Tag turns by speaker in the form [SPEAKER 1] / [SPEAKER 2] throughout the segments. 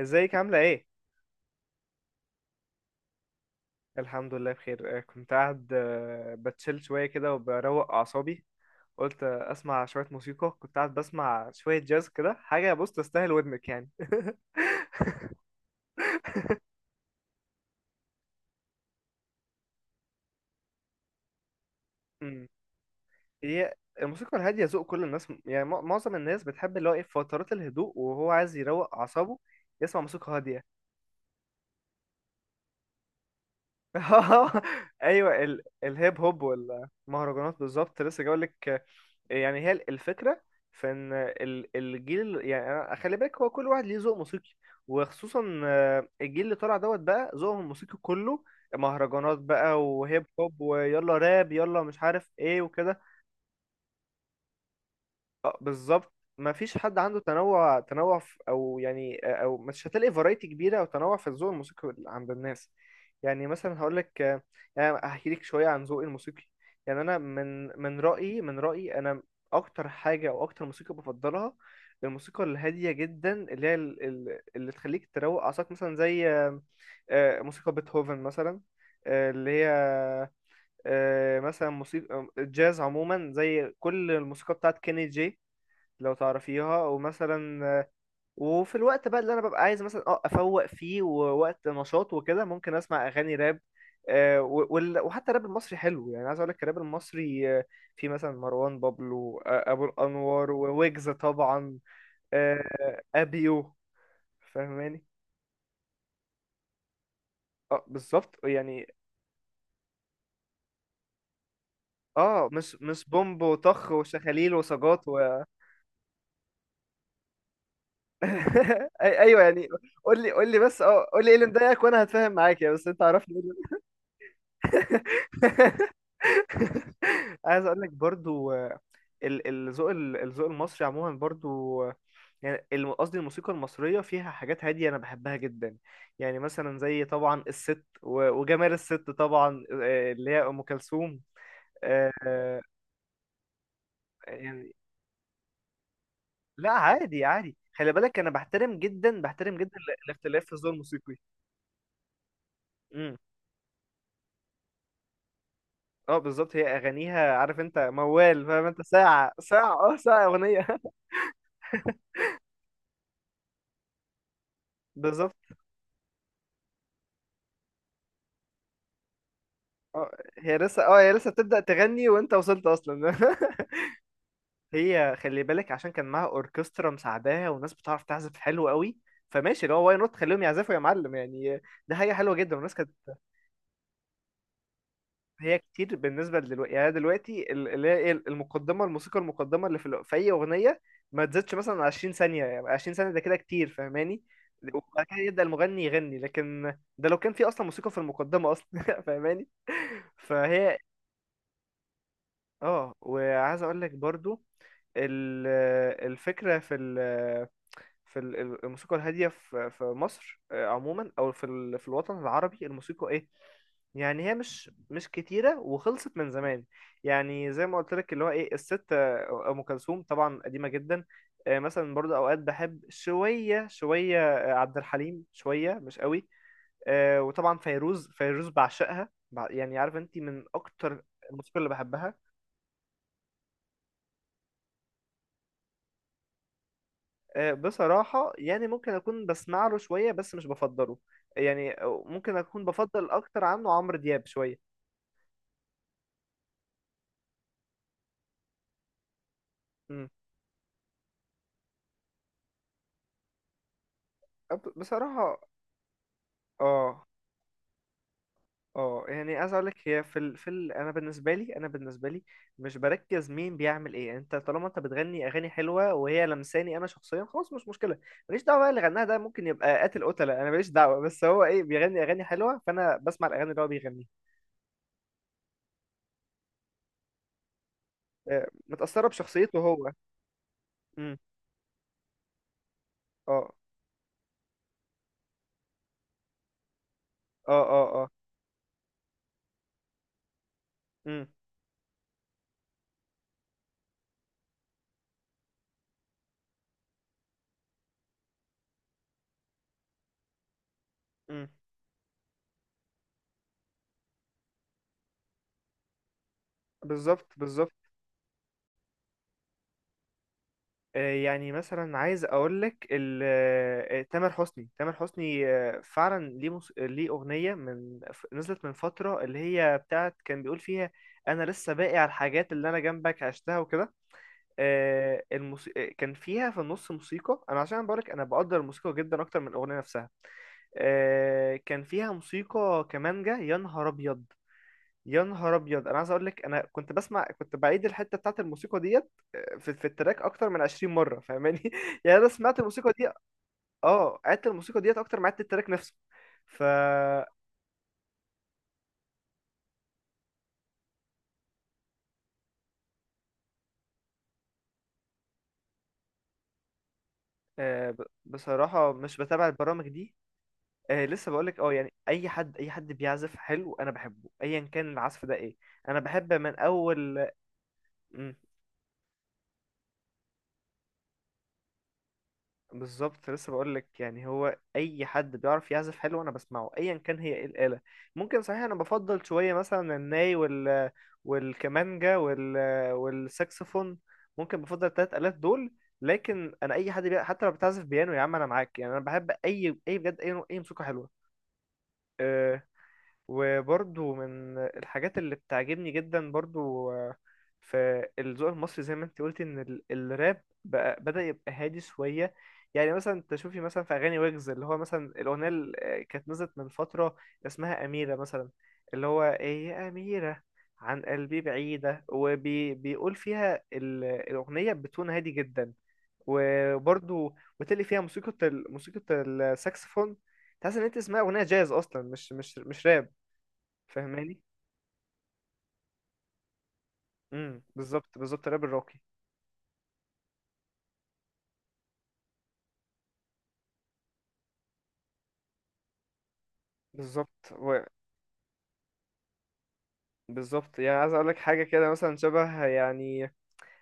[SPEAKER 1] ازيك عاملة ايه؟ الحمد لله بخير كنت قاعد بتشيل شوية كده وبروق أعصابي. قلت أسمع شوية موسيقى، كنت قاعد بسمع شوية جاز كده، حاجة بص تستاهل ودنك يعني. مم. هي الموسيقى الهادية ذوق كل الناس، يعني معظم الناس بتحب اللي هو ايه في فترات الهدوء وهو عايز يروق أعصابه، يسمع موسيقى هادية. ايوه الهيب هوب والمهرجانات، بالظبط لسه جاي لك. يعني هي الفكره في ان الجيل، يعني خلي بالك، هو كل واحد ليه ذوق موسيقي. وخصوصا الجيل اللي طالع دوت بقى، ذوقهم الموسيقي كله مهرجانات بقى وهيب هوب ويلا راب يلا مش عارف ايه وكده. اه بالظبط، ما فيش حد عنده تنوع في او يعني، او مش هتلاقي فرايتي كبيره او تنوع في الذوق الموسيقي عند الناس. يعني مثلا هقول لك، يعني هحكي لك شويه عن ذوقي الموسيقي. يعني انا من رايي انا، اكتر حاجه او اكتر موسيقى بفضلها الموسيقى الهاديه جدا، اللي هي اللي تخليك تروق اعصابك، مثلا زي موسيقى بيتهوفن مثلا، آه، اللي هي آه، مثلا موسيقى الجاز عموما زي كل الموسيقى بتاعت كيني جي لو تعرفيها. ومثلا وفي الوقت بقى اللي انا ببقى عايز مثلا اه افوق فيه ووقت نشاط وكده، ممكن اسمع اغاني راب. وحتى الراب المصري حلو يعني، عايز اقول لك الراب المصري في مثلا مروان بابلو، ابو الانوار، وويجز طبعا، ابيو. فاهماني؟ اه بالظبط يعني. اه مش بومب وطخ وشخاليل وسجات و ايوه يعني. قول لي بس اه قول لي ايه اللي مضايقك وانا هتفاهم معاك، يا بس انت عرفني إيه اللي. عايز اقول لك برضو الذوق المصري عموما برضو، يعني قصدي الموسيقى المصرية فيها حاجات هادية أنا بحبها جدا. يعني مثلا زي طبعا الست، وجمال الست طبعا، اللي هي أم كلثوم. آه، آه، يعني لا عادي عادي، خلي بالك، أنا بحترم جدا الاختلاف في الذوق الموسيقي. امم. اه بالظبط، هي أغانيها عارف أنت، موال فاهم أنت، ساعة اه ساعة أغنية. بالظبط. اه هي لسه، اه هي لسه بتبدأ تغني وانت وصلت اصلا. هي خلي بالك عشان كان معاها اوركسترا مساعداها وناس بتعرف تعزف حلو قوي، فماشي اللي هو واي نوت خليهم يعزفوا يا معلم يعني. ده حاجه حلوه جدا والناس كانت. هي كتير بالنسبه لدلوقتي، يعني دلوقتي اللي هي ايه، المقدمه الموسيقى المقدمه اللي في, في اي اغنيه ما تزيدش مثلا 20 ثانيه، يعني 20 ثانيه ده كده كتير، فاهماني؟ وبعد كده يبدأ المغني يغني، لكن ده لو كان في اصلا موسيقى في المقدمه اصلا. فاهماني؟ فهي. اه وعايز اقول لك برضو ال- الفكرة في الموسيقى الهادية في مصر عموما، او في في الوطن العربي الموسيقى ايه. يعني هي مش كتيرة وخلصت من زمان. يعني زي ما قلت لك اللي هو ايه الست، ام كلثوم طبعا قديمة جدا. مثلا برضو اوقات بحب شوية عبد الحليم، شوية مش قوي. وطبعا فيروز، بعشقها. يعني عارف انت، من اكتر الموسيقى اللي بحبها بصراحة، يعني ممكن أكون بسمع له شوية بس مش بفضله. يعني ممكن أكون بفضل أكتر عنه عمرو دياب شوية. مم. بصراحة. اه اه، يعني عايز أقول لك، هي في أنا بالنسبة لي مش بركز مين بيعمل إيه، يعني أنت طالما أنت بتغني أغاني حلوة وهي لمساني أنا شخصيا، خلاص مش مشكلة. ماليش دعوة بقى اللي غناها ده ممكن يبقى قاتل قتلة، أنا ماليش دعوة، بس هو إيه، بيغني أغاني حلوة فأنا بسمع الأغاني اللي هو بيغنيها. متأثرة بشخصيته هو. مم. اه اه اه. اه. مم. مم. بالظبط بالظبط. يعني مثلا عايز اقول لك تامر حسني فعلا ليه ليه اغنيه نزلت من فتره اللي هي بتاعت كان بيقول فيها: انا لسه باقي على الحاجات اللي انا جنبك عشتها وكده. آه، الموس... آه، كان فيها في النص موسيقى، انا عشان بقول لك انا بقدر الموسيقى جدا اكتر من الاغنيه نفسها. كان فيها موسيقى كمانجا يا نهار ابيض، يا نهار ابيض انا عايز اقول لك، انا كنت بسمع، كنت بعيد الحته بتاعت الموسيقى ديت في التراك اكتر من 20 مره، فاهماني؟ يعني انا سمعت الموسيقى دي، اه قعدت الموسيقى ديت اكتر ما قعدت التراك نفسه. ف. بصراحه مش بتابع البرامج دي. لسه بقول لك، اه يعني اي حد بيعزف حلو انا بحبه ايا كان العزف ده ايه. انا بحب من اول. بالظبط، لسه بقول لك يعني هو اي حد بيعرف يعزف حلو انا بسمعه ايا كان هي ايه الاله. ممكن صحيح انا بفضل شويه مثلا الناي، وال، والكمانجا، وال، والساكسفون. ممكن بفضل التلات الات دول. لكن انا اي حد حتى لو بتعزف بيانو يا عم انا معاك يعني. انا بحب اي بجد اي اي موسيقى حلوه. آه، وبرضو من الحاجات اللي بتعجبني جدا برضو في الذوق المصري، زي ما انت قلت ان الراب بقى بدأ يبقى هادي شوية. يعني مثلا تشوفي مثلا في اغاني ويجز، اللي هو مثلا الاغنية اللي كانت نزلت من فترة اسمها أميرة مثلا. اللي هو ايه، يا أميرة عن قلبي بعيدة، وبيقول فيها الأغنية بتون هادي جدا. وبرضو وتلي فيها موسيقى موسيقى الساكسفون، تحس ان انت تسمعي أغنية جاز اصلا، مش راب. فاهماني؟ بالظبط بالظبط، راب الراقي. بالظبط و- بالظبط يعني عايز اقول لك حاجه كده مثلا شبه يعني.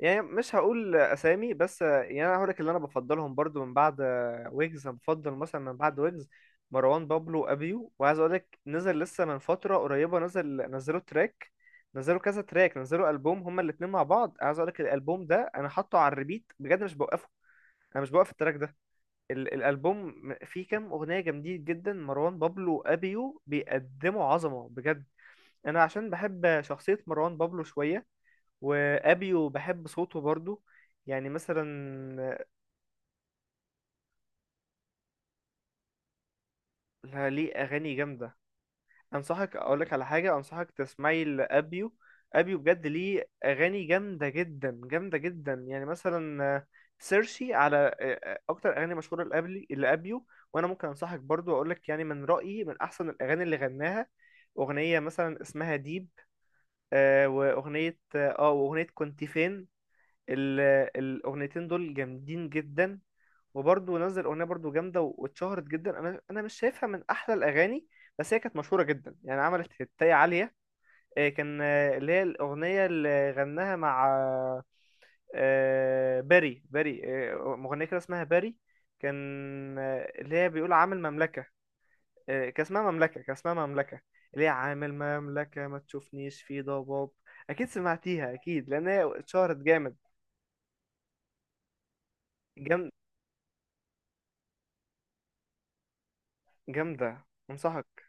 [SPEAKER 1] يعني مش هقول اسامي، بس يعني انا هقول لك اللي انا بفضلهم برضو من بعد ويجز. أنا بفضل مثلا من بعد ويجز مروان بابلو ابيو. وعايز اقول لك نزل لسه من فتره قريبه، نزل نزلوا تراك، نزلوا كذا تراك، نزلوا البوم هما الاتنين مع بعض. عايز اقول لك الالبوم ده انا حاطه على الريبيت بجد مش بوقفه، انا مش بوقف التراك ده. الالبوم فيه كام اغنيه جامدين جدا، مروان بابلو وابيو بيقدموا عظمه بجد. انا عشان بحب شخصيه مروان بابلو شويه، وابيو بحب صوته برضو. يعني مثلا ليه اغاني جامده. انصحك اقول لك على حاجه، انصحك تسمعي لابيو. ابيو بجد ليه اغاني جامده جدا، يعني مثلا سيرشي على اكتر اغاني مشهوره لابلي لابيو. وانا ممكن انصحك برضو اقول لك، يعني من رايي من احسن الاغاني اللي غناها اغنيه مثلا اسمها ديب، واغنيه اه واغنيه كنت فين. ال- الاغنيتين دول جامدين جدا. وبرضه نزل اغنيه برضه جامده واتشهرت جدا. انا مش شايفها من احلى الاغاني، بس هي كانت مشهوره جدا يعني عملت هتايه عاليه. آه، كان آه، اللي هي الاغنيه اللي غناها مع باري. باري مغنيه كده اسمها باري، كان اللي هي بيقول عامل مملكه. كان اسمها مملكه، كان اسمها مملكه، اللي هي عامل مملكه ما تشوفنيش في ضباب. اكيد سمعتيها اكيد، لان هي اتشهرت جامد. جامدة انصحك.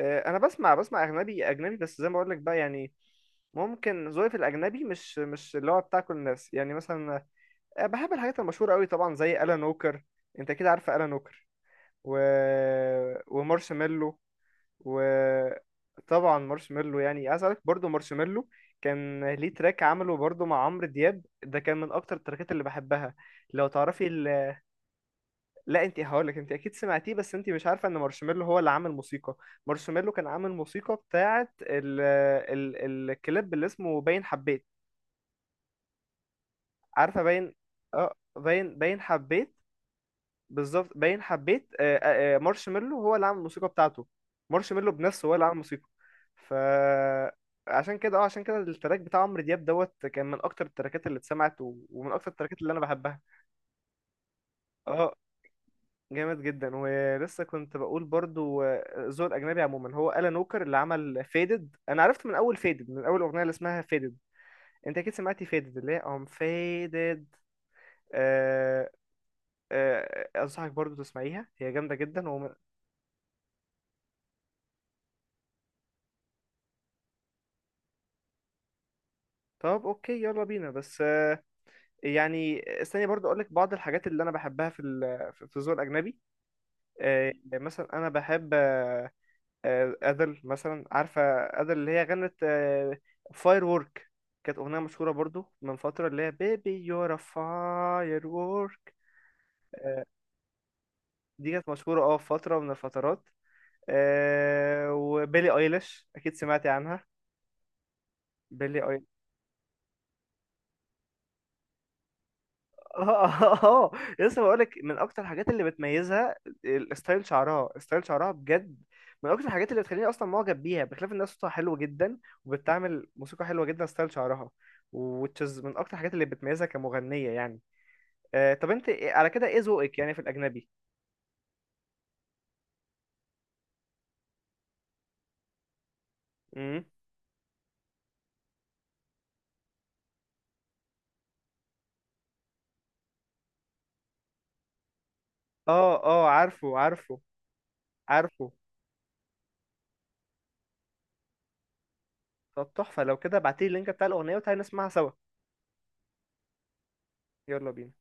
[SPEAKER 1] انا بسمع اجنبي. اجنبي بس زي ما بقول لك بقى يعني، ممكن ذوقي في الاجنبي مش اللي هو بتاع كل الناس. يعني مثلا بحب الحاجات المشهورة قوي طبعا زي الان ووكر، انت كده عارف الان ووكر و ومارشميلو. وطبعا مارشميلو، يعني عايز اقولك برضه مارشميلو كان ليه تراك عمله برضه مع عمرو دياب، ده كان من اكتر التراكات اللي بحبها لو تعرفي. لا انت هقولك انت اكيد سمعتيه بس انت مش عارفه ان مارشميلو هو اللي عامل موسيقى. مارشميلو كان عامل موسيقى بتاعه ال ال الكليب اللي اسمه باين حبيت. عارفه باين؟ اه باين، باين حبيت. بالظبط باين حبيت مارشميلو هو اللي عامل الموسيقى بتاعته، مارشميلو بنفسه هو اللي عامل موسيقى. ف. عشان كده اه عشان كده التراك بتاع عمرو دياب دوت كان من اكتر التراكات اللي اتسمعت ومن اكتر التراكات اللي انا بحبها. اه جامد جدا. ولسه كنت بقول برضو الذوق الاجنبي عموما، هو ألان ووكر اللي عمل فيدد، انا عرفت من اول فيدد من اول اغنيه اللي اسمها فيدد. انت اكيد سمعتي فيدد اللي هي ام فيدد. أه. أه انصحك برضو تسمعيها، هي جامده جدا ومن... طب اوكي، يلا بينا. بس يعني استني برضو اقول لك بعض الحاجات اللي انا بحبها في في الذوق الاجنبي. مثلا انا بحب أدل مثلا عارفة؟ أدل اللي هي غنت فاير وورك، كانت أغنية مشهورة برضو من فترة، اللي هي بيبي يور فاير وورك. دي كانت مشهورة اه في فترة من الفترات. وبيلي ايليش أكيد سمعتي عنها. بيلي. اه اه اه. لسه بقولك، من اكتر الحاجات اللي بتميزها ستايل شعرها بجد، من اكتر الحاجات اللي بتخليني اصلا معجب بيها، بخلاف انها صوتها حلو جدا وبتعمل موسيقى حلوه جدا. ستايل شعرها وتشز من اكتر الحاجات اللي بتميزها كمغنيه يعني. آه طب انت على كده ايه ذوقك يعني في الاجنبي؟ امم. اه اه. عارفه عارفه عارفه. طب تحفه، لو كده ابعتيلي اللينك بتاع الاغنيه وتعالي نسمعها سوا. يلا بينا.